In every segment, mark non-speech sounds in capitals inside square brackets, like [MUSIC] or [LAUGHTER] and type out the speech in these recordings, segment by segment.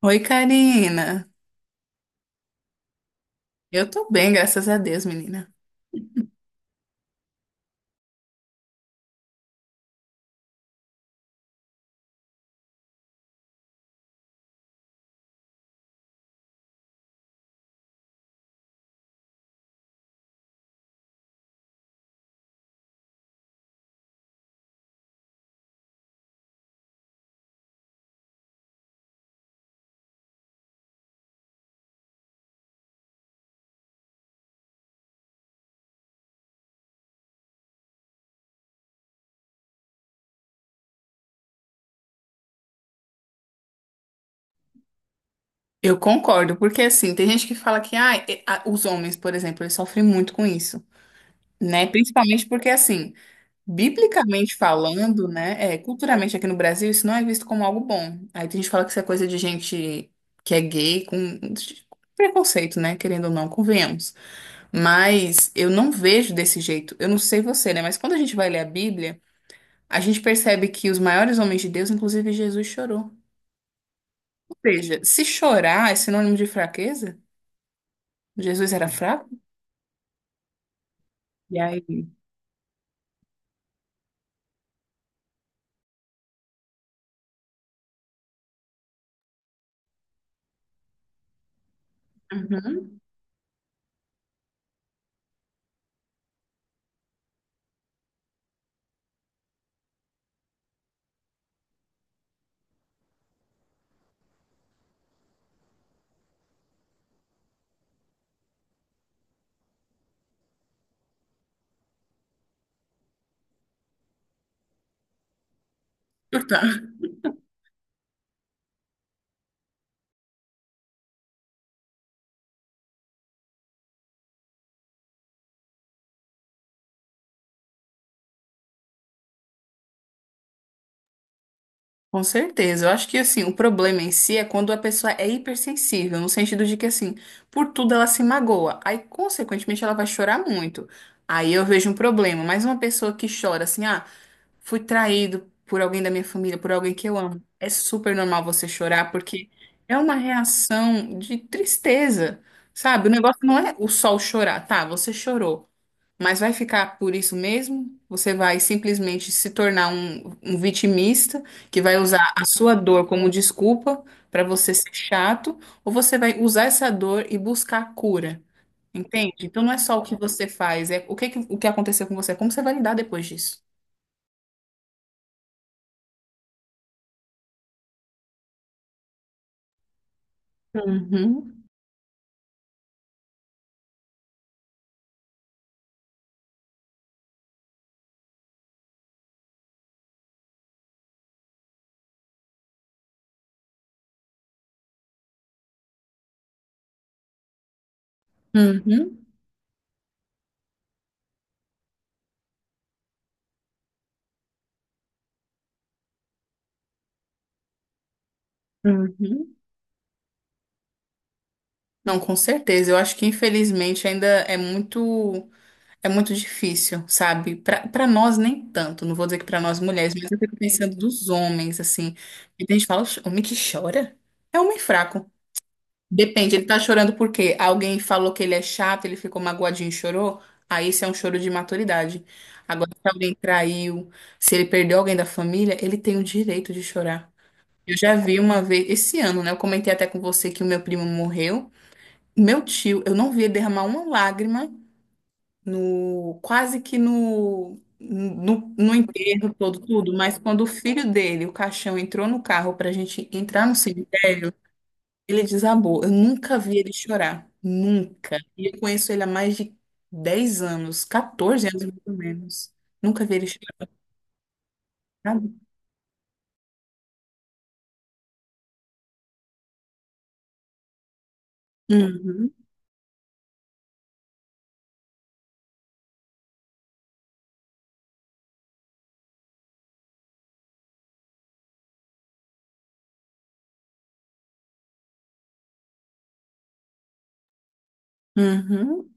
Oi, Karina. Eu tô bem, graças a Deus, menina. Eu concordo, porque assim, tem gente que fala que os homens, por exemplo, eles sofrem muito com isso, né? Principalmente porque, assim, biblicamente falando, né? É, culturalmente aqui no Brasil, isso não é visto como algo bom. Aí tem gente que fala que isso é coisa de gente que é gay, com preconceito, né? Querendo ou não, convenhamos. Mas eu não vejo desse jeito. Eu não sei você, né? Mas quando a gente vai ler a Bíblia. A gente percebe que os maiores homens de Deus, inclusive Jesus, chorou. Ou seja, se chorar é sinônimo de fraqueza, Jesus era fraco? E aí? Uhum. Portanto, com certeza. Eu acho que assim, o problema em si é quando a pessoa é hipersensível, no sentido de que assim, por tudo ela se magoa. Aí, consequentemente, ela vai chorar muito. Aí eu vejo um problema. Mas uma pessoa que chora assim, fui traído por alguém da minha família, por alguém que eu amo. É super normal você chorar, porque é uma reação de tristeza, sabe? O negócio não é o sol chorar, tá? Você chorou, mas vai ficar por isso mesmo? Você vai simplesmente se tornar um vitimista que vai usar a sua dor como desculpa para você ser chato, ou você vai usar essa dor e buscar cura? Entende? Então não é só o que você faz, é o que aconteceu com você, como você vai lidar depois disso. Uhum. Uhum, uhum. Não, com certeza. Eu acho que infelizmente ainda é muito difícil, sabe? Para nós nem tanto. Não vou dizer que para nós mulheres, mas eu fico pensando dos homens assim. E a gente fala, "Oxe, homem que chora é homem fraco." Depende, ele tá chorando por quê? Alguém falou que ele é chato, ele ficou magoadinho e chorou? Aí isso é um choro de maturidade. Agora, se alguém traiu, se ele perdeu alguém da família, ele tem o direito de chorar. Eu já vi uma vez, esse ano, né? Eu comentei até com você que o meu primo morreu. Meu tio, eu não vi ele derramar uma lágrima no, quase que no, no, no enterro todo, tudo, mas quando o filho dele, o caixão, entrou no carro pra gente entrar no cemitério, ele desabou. Eu nunca vi ele chorar. Nunca. E eu conheço ele há mais de 10 anos, 14 anos, mais ou menos. Nunca vi ele chorar. Uhum, uhum,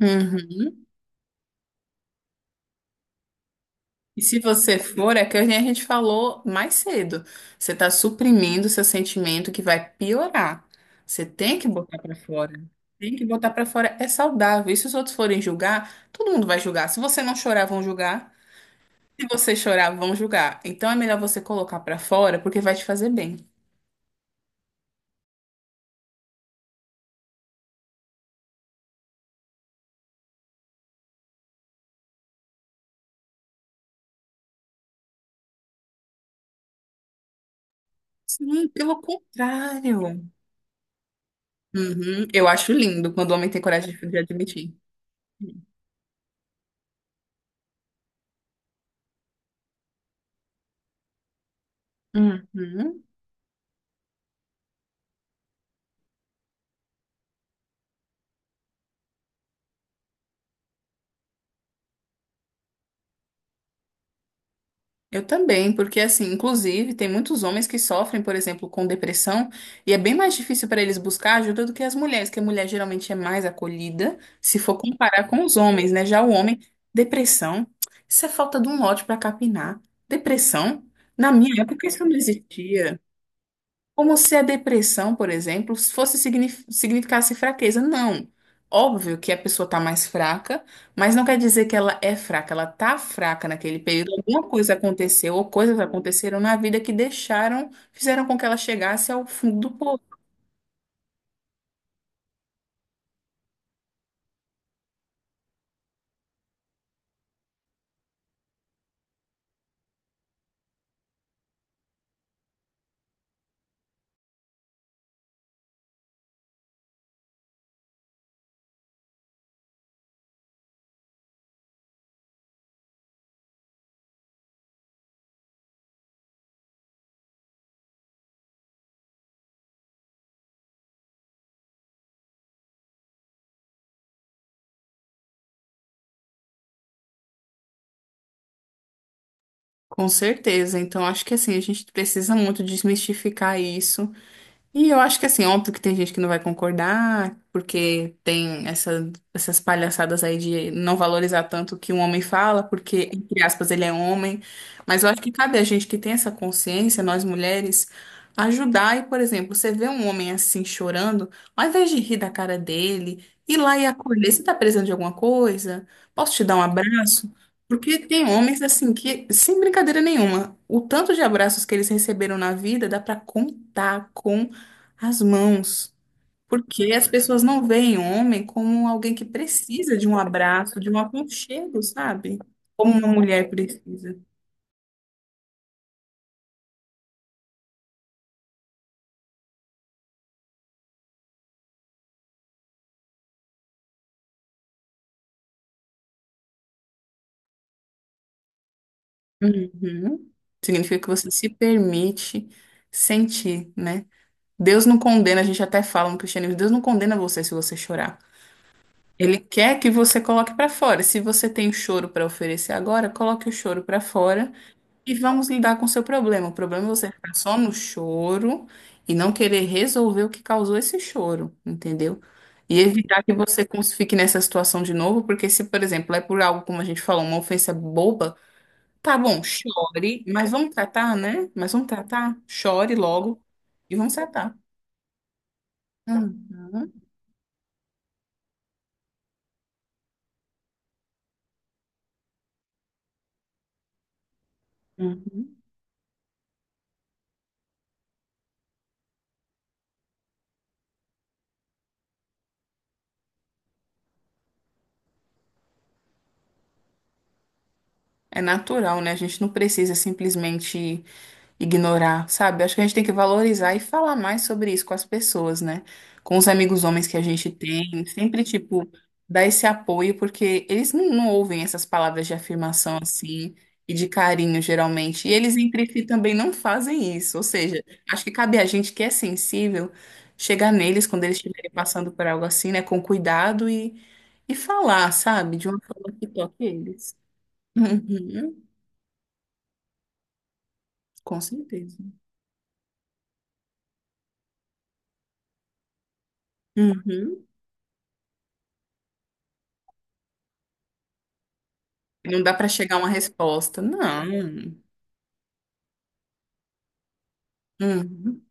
uhum. E se você for, é que nem a gente falou mais cedo. Você está suprimindo seu sentimento que vai piorar. Você tem que botar para fora. Tem que botar para fora. É saudável. E se os outros forem julgar, todo mundo vai julgar. Se você não chorar, vão julgar. Se você chorar, vão julgar. Então é melhor você colocar para fora, porque vai te fazer bem. Sim, pelo contrário. Uhum. Eu acho lindo quando o homem tem coragem de admitir. Uhum. Eu também, porque assim, inclusive, tem muitos homens que sofrem, por exemplo, com depressão, e é bem mais difícil para eles buscar ajuda do que as mulheres, que a mulher geralmente é mais acolhida, se for comparar com os homens, né? Já o homem, depressão, isso é falta de um lote para capinar. Depressão, na minha época isso não existia. Como se a depressão, por exemplo, significasse fraqueza. Não. Óbvio que a pessoa está mais fraca, mas não quer dizer que ela é fraca. Ela está fraca naquele período. Alguma coisa aconteceu ou coisas aconteceram na vida que deixaram, fizeram com que ela chegasse ao fundo do poço. Com certeza. Então, acho que assim, a gente precisa muito desmistificar isso. E eu acho que assim, óbvio que tem gente que não vai concordar, porque tem essas palhaçadas aí de não valorizar tanto o que um homem fala, porque, entre aspas, ele é homem. Mas eu acho que cabe a gente que tem essa consciência, nós mulheres, ajudar. E, por exemplo, você vê um homem assim chorando, ao invés de rir da cara dele, ir lá e acolher, você tá precisando de alguma coisa? Posso te dar um abraço? Porque tem homens assim que, sem brincadeira nenhuma, o tanto de abraços que eles receberam na vida dá pra contar com as mãos. Porque as pessoas não veem o homem como alguém que precisa de um abraço, de um aconchego, sabe? Como uma mulher precisa. Uhum. Significa que você se permite sentir, né? Deus não condena, a gente até fala no cristianismo, Deus não condena você se você chorar. Ele quer que você coloque pra fora. Se você tem choro pra oferecer agora, coloque o choro pra fora. E vamos lidar com o seu problema. O problema é você ficar só no choro e não querer resolver o que causou esse choro, entendeu? E evitar que fique nessa situação de novo, porque se, por exemplo, é por algo, como a gente falou, uma ofensa boba, tá bom, chore, mas vamos tratar, né? Mas vamos tratar, chore logo e vamos tratar. Uhum, uhum. É natural, né? A gente não precisa simplesmente ignorar, sabe? Acho que a gente tem que valorizar e falar mais sobre isso com as pessoas, né? Com os amigos homens que a gente tem, sempre, tipo, dar esse apoio, porque eles não ouvem essas palavras de afirmação assim e de carinho, geralmente. E eles entre si também não fazem isso. Ou seja, acho que cabe a gente que é sensível chegar neles quando eles estiverem passando por algo assim, né? Com cuidado e falar, sabe? De uma forma que toque eles. [LAUGHS] Uhum. Com certeza. Uhum. Não dá para chegar a uma resposta. Não. Uhum.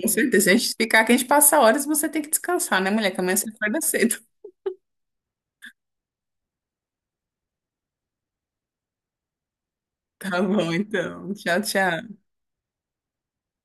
Com certeza. Se a gente ficar aqui, a gente passa horas, você tem que descansar, né, mulher? Que amanhã você acorda cedo. [LAUGHS] Tá bom, então. Tchau, tchau.